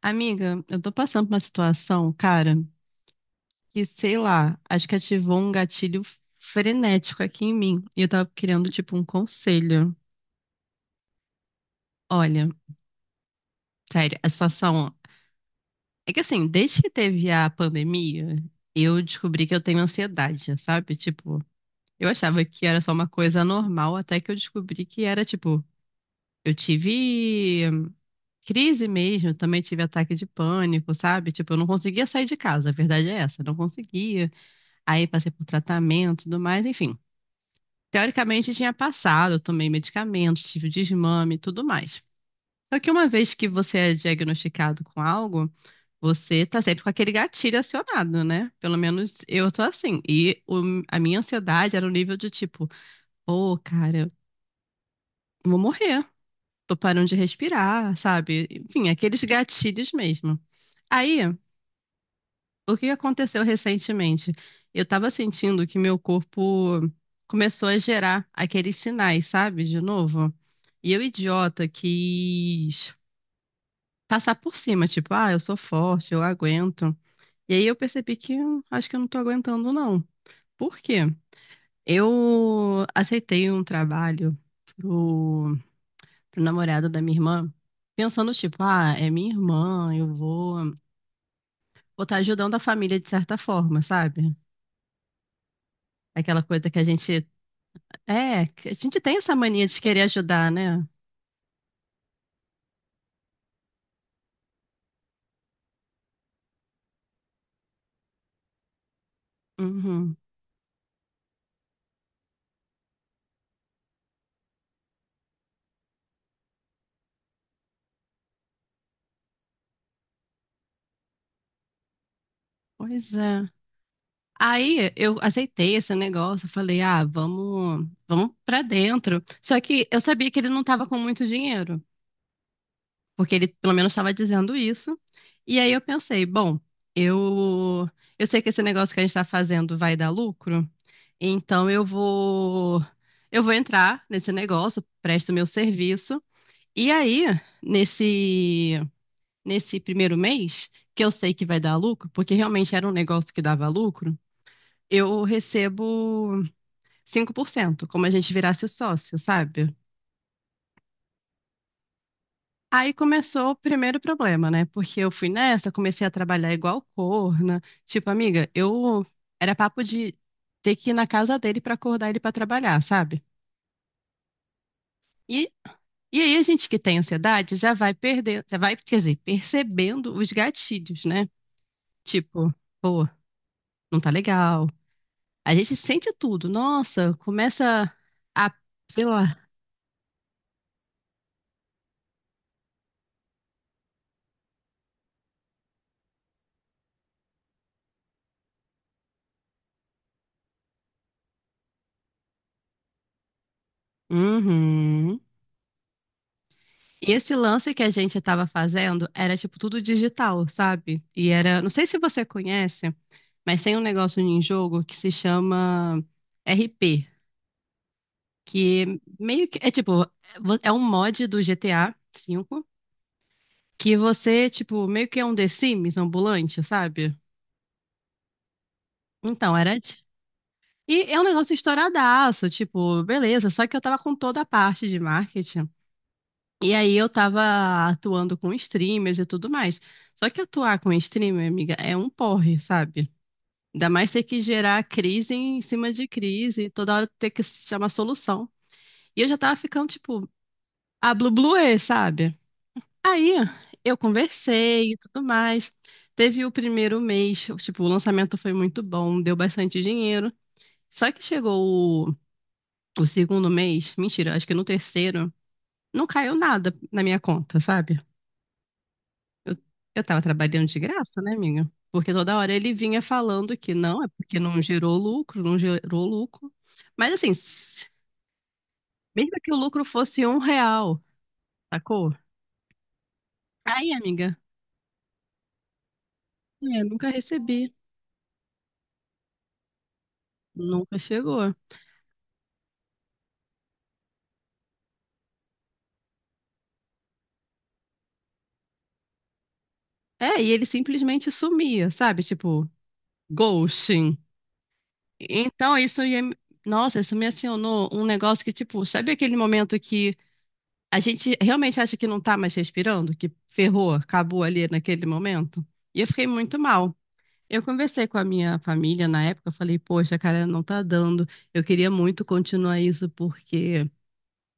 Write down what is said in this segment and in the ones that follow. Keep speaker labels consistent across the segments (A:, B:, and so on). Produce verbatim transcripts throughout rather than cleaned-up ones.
A: Amiga, eu tô passando por uma situação, cara, que sei lá, acho que ativou um gatilho frenético aqui em mim. E eu tava querendo, tipo, um conselho. Olha, sério, a situação. É que assim, desde que teve a pandemia, eu descobri que eu tenho ansiedade, sabe? Tipo, eu achava que era só uma coisa normal, até que eu descobri que era, tipo, eu tive crise mesmo, também tive ataque de pânico, sabe? Tipo, eu não conseguia sair de casa, a verdade é essa, eu não conseguia. Aí passei por tratamento e tudo mais, enfim. Teoricamente tinha passado, eu tomei medicamentos, tive o desmame e tudo mais. Só que uma vez que você é diagnosticado com algo, você tá sempre com aquele gatilho acionado, né? Pelo menos eu tô assim. E o- a minha ansiedade era o nível de tipo, ô, cara, eu vou morrer. Tô parando de respirar, sabe? Enfim, aqueles gatilhos mesmo. Aí, o que aconteceu recentemente? Eu estava sentindo que meu corpo começou a gerar aqueles sinais, sabe? De novo. E eu, idiota, quis passar por cima, tipo, ah, eu sou forte, eu aguento. E aí eu percebi que hum, acho que eu não tô aguentando, não. Por quê? Eu aceitei um trabalho pro, pro namorado da minha irmã, pensando, tipo, ah, é minha irmã, eu vou, vou estar ajudando a família de certa forma, sabe? Aquela coisa que a gente é, que a gente tem essa mania de querer ajudar, né? Uhum. Pois é. Aí eu aceitei esse negócio, eu falei, ah, vamos, vamos para dentro. Só que eu sabia que ele não estava com muito dinheiro, porque ele pelo menos estava dizendo isso. E aí eu pensei, bom, eu, eu sei que esse negócio que a gente está fazendo vai dar lucro, então eu vou, eu vou entrar nesse negócio, presto meu serviço. E aí, nesse nesse primeiro mês, que eu sei que vai dar lucro, porque realmente era um negócio que dava lucro, eu recebo cinco por cento, como a gente virasse o sócio, sabe? Aí começou o primeiro problema, né? Porque eu fui nessa, comecei a trabalhar igual corna. Tipo, amiga, eu era papo de ter que ir na casa dele pra acordar ele pra trabalhar, sabe? E, e aí a gente que tem ansiedade já vai perder, já vai, quer dizer, percebendo os gatilhos, né? Tipo, pô, não tá legal. A gente sente tudo. Nossa, começa a, sei lá. Uhum. E esse lance que a gente estava fazendo era tipo tudo digital, sabe? E era, não sei se você conhece, mas tem um negócio em jogo que se chama R P, que meio que é tipo, é um mod do G T A vê que você, tipo, meio que é um The Sims ambulante, sabe? Então, era. de- E é um negócio estouradaço, tipo, beleza, só que eu tava com toda a parte de marketing. E aí eu tava atuando com streamers e tudo mais. Só que atuar com streamer, amiga, é um porre, sabe? Ainda mais ter que gerar crise em cima de crise, toda hora ter que chamar solução. E eu já tava ficando, tipo, a blu blu é, sabe? Aí eu conversei e tudo mais. Teve o primeiro mês, tipo, o lançamento foi muito bom, deu bastante dinheiro. Só que chegou o, o segundo mês, mentira, acho que no terceiro, não caiu nada na minha conta, sabe? Eu, eu tava trabalhando de graça, né, amiga? Porque toda hora ele vinha falando que não, é porque não gerou lucro, não gerou lucro. Mas assim, s- mesmo que o lucro fosse um real, sacou? Aí, amiga, é, nunca recebi, nunca chegou. É, e ele simplesmente sumia, sabe? Tipo, ghosting. Então, isso ia. me- Nossa, isso me acionou um negócio que, tipo, sabe aquele momento que a gente realmente acha que não tá mais respirando, que ferrou, acabou ali naquele momento. E eu fiquei muito mal. Eu conversei com a minha família na época, eu falei, poxa, cara, não tá dando. Eu queria muito continuar isso porque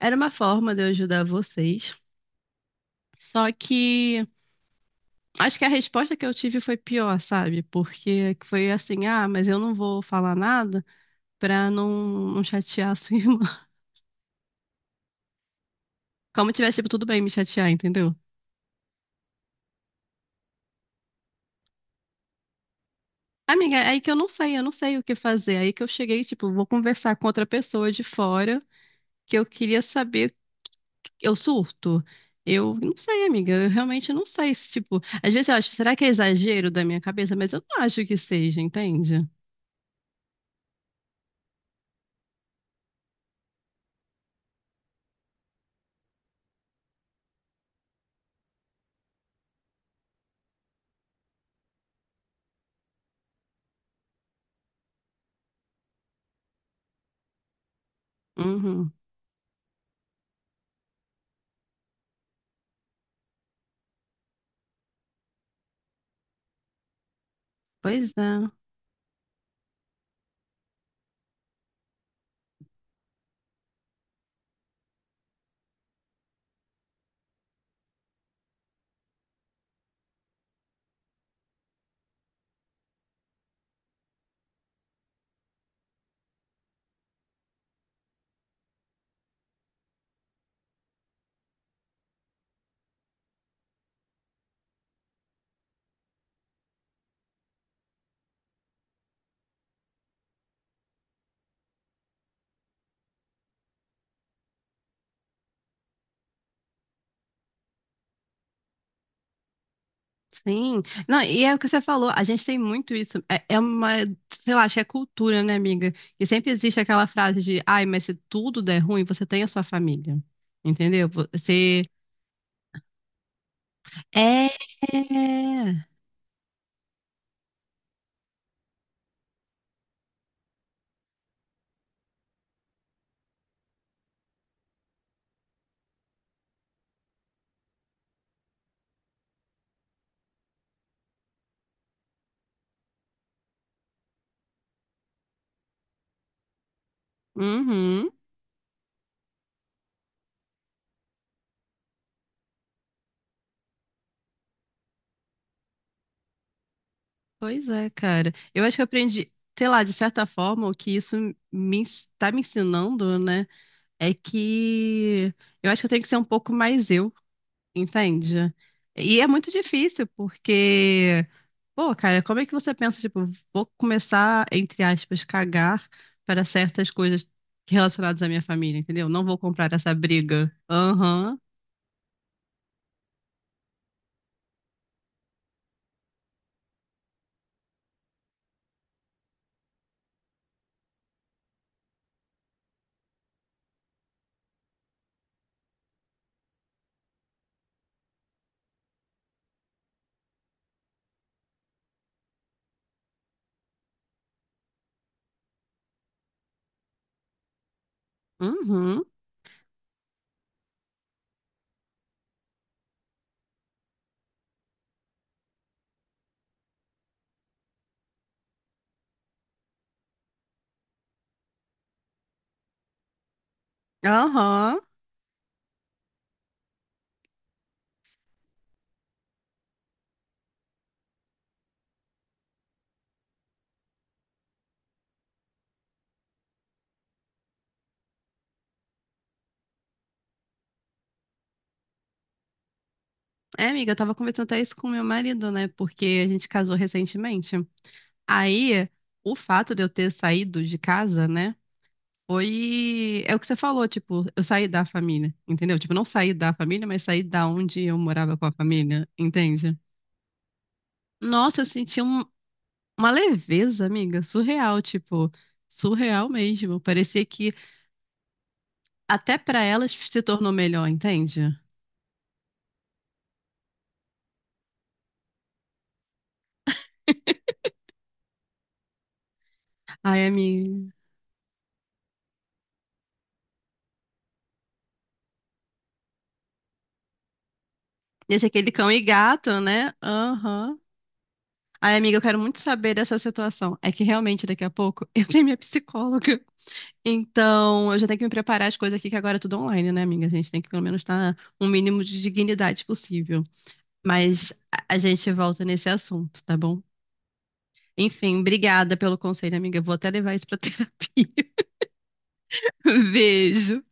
A: era uma forma de eu ajudar vocês. Só que acho que a resposta que eu tive foi pior, sabe? Porque foi assim, ah, mas eu não vou falar nada pra não, não chatear a sua irmã. Como tivesse, tipo, tudo bem me chatear, entendeu? Amiga, é aí que eu não sei, eu não sei o que fazer. É aí que eu cheguei, tipo, vou conversar com outra pessoa de fora, que eu queria saber, eu surto. Eu não sei, amiga, eu realmente não sei se, tipo, às vezes eu acho, será que é exagero da minha cabeça? Mas eu não acho que seja, entende? Uhum. Pois é. Sim. Não, e é o que você falou, a gente tem muito isso. É, é uma, sei lá, acho que é cultura, né, amiga? E sempre existe aquela frase de, ai, mas se tudo der ruim, você tem a sua família. Entendeu? Você é. Uhum. Pois é, cara. Eu acho que eu aprendi, sei lá, de certa forma, o que isso me ens- tá me ensinando, né? É que eu acho que eu tenho que ser um pouco mais eu, entende? E é muito difícil, porque, pô, cara, como é que você pensa, tipo, vou começar, entre aspas, cagar para certas coisas relacionadas à minha família, entendeu? Não vou comprar essa briga. Aham. Uhum. Aham. É, amiga, eu tava conversando até isso com meu marido, né? Porque a gente casou recentemente. Aí, o fato de eu ter saído de casa, né? Foi. É o que você falou, tipo, eu saí da família, entendeu? Tipo, não saí da família, mas saí da onde eu morava com a família, entende? Nossa, eu senti um- uma leveza, amiga, surreal, tipo, surreal mesmo. Parecia que até pra elas se tornou melhor, entende? Ai, amiga. Esse é aquele cão e gato, né? Aham. Ai, amiga, eu quero muito saber dessa situação. É que realmente daqui a pouco eu tenho minha psicóloga. Então, eu já tenho que me preparar as coisas aqui, que agora é tudo online, né, amiga? A gente tem que pelo menos estar um mínimo de dignidade possível. Mas a a gente volta nesse assunto, tá bom? Enfim, obrigada pelo conselho, amiga. Eu vou até levar isso pra terapia. Beijo.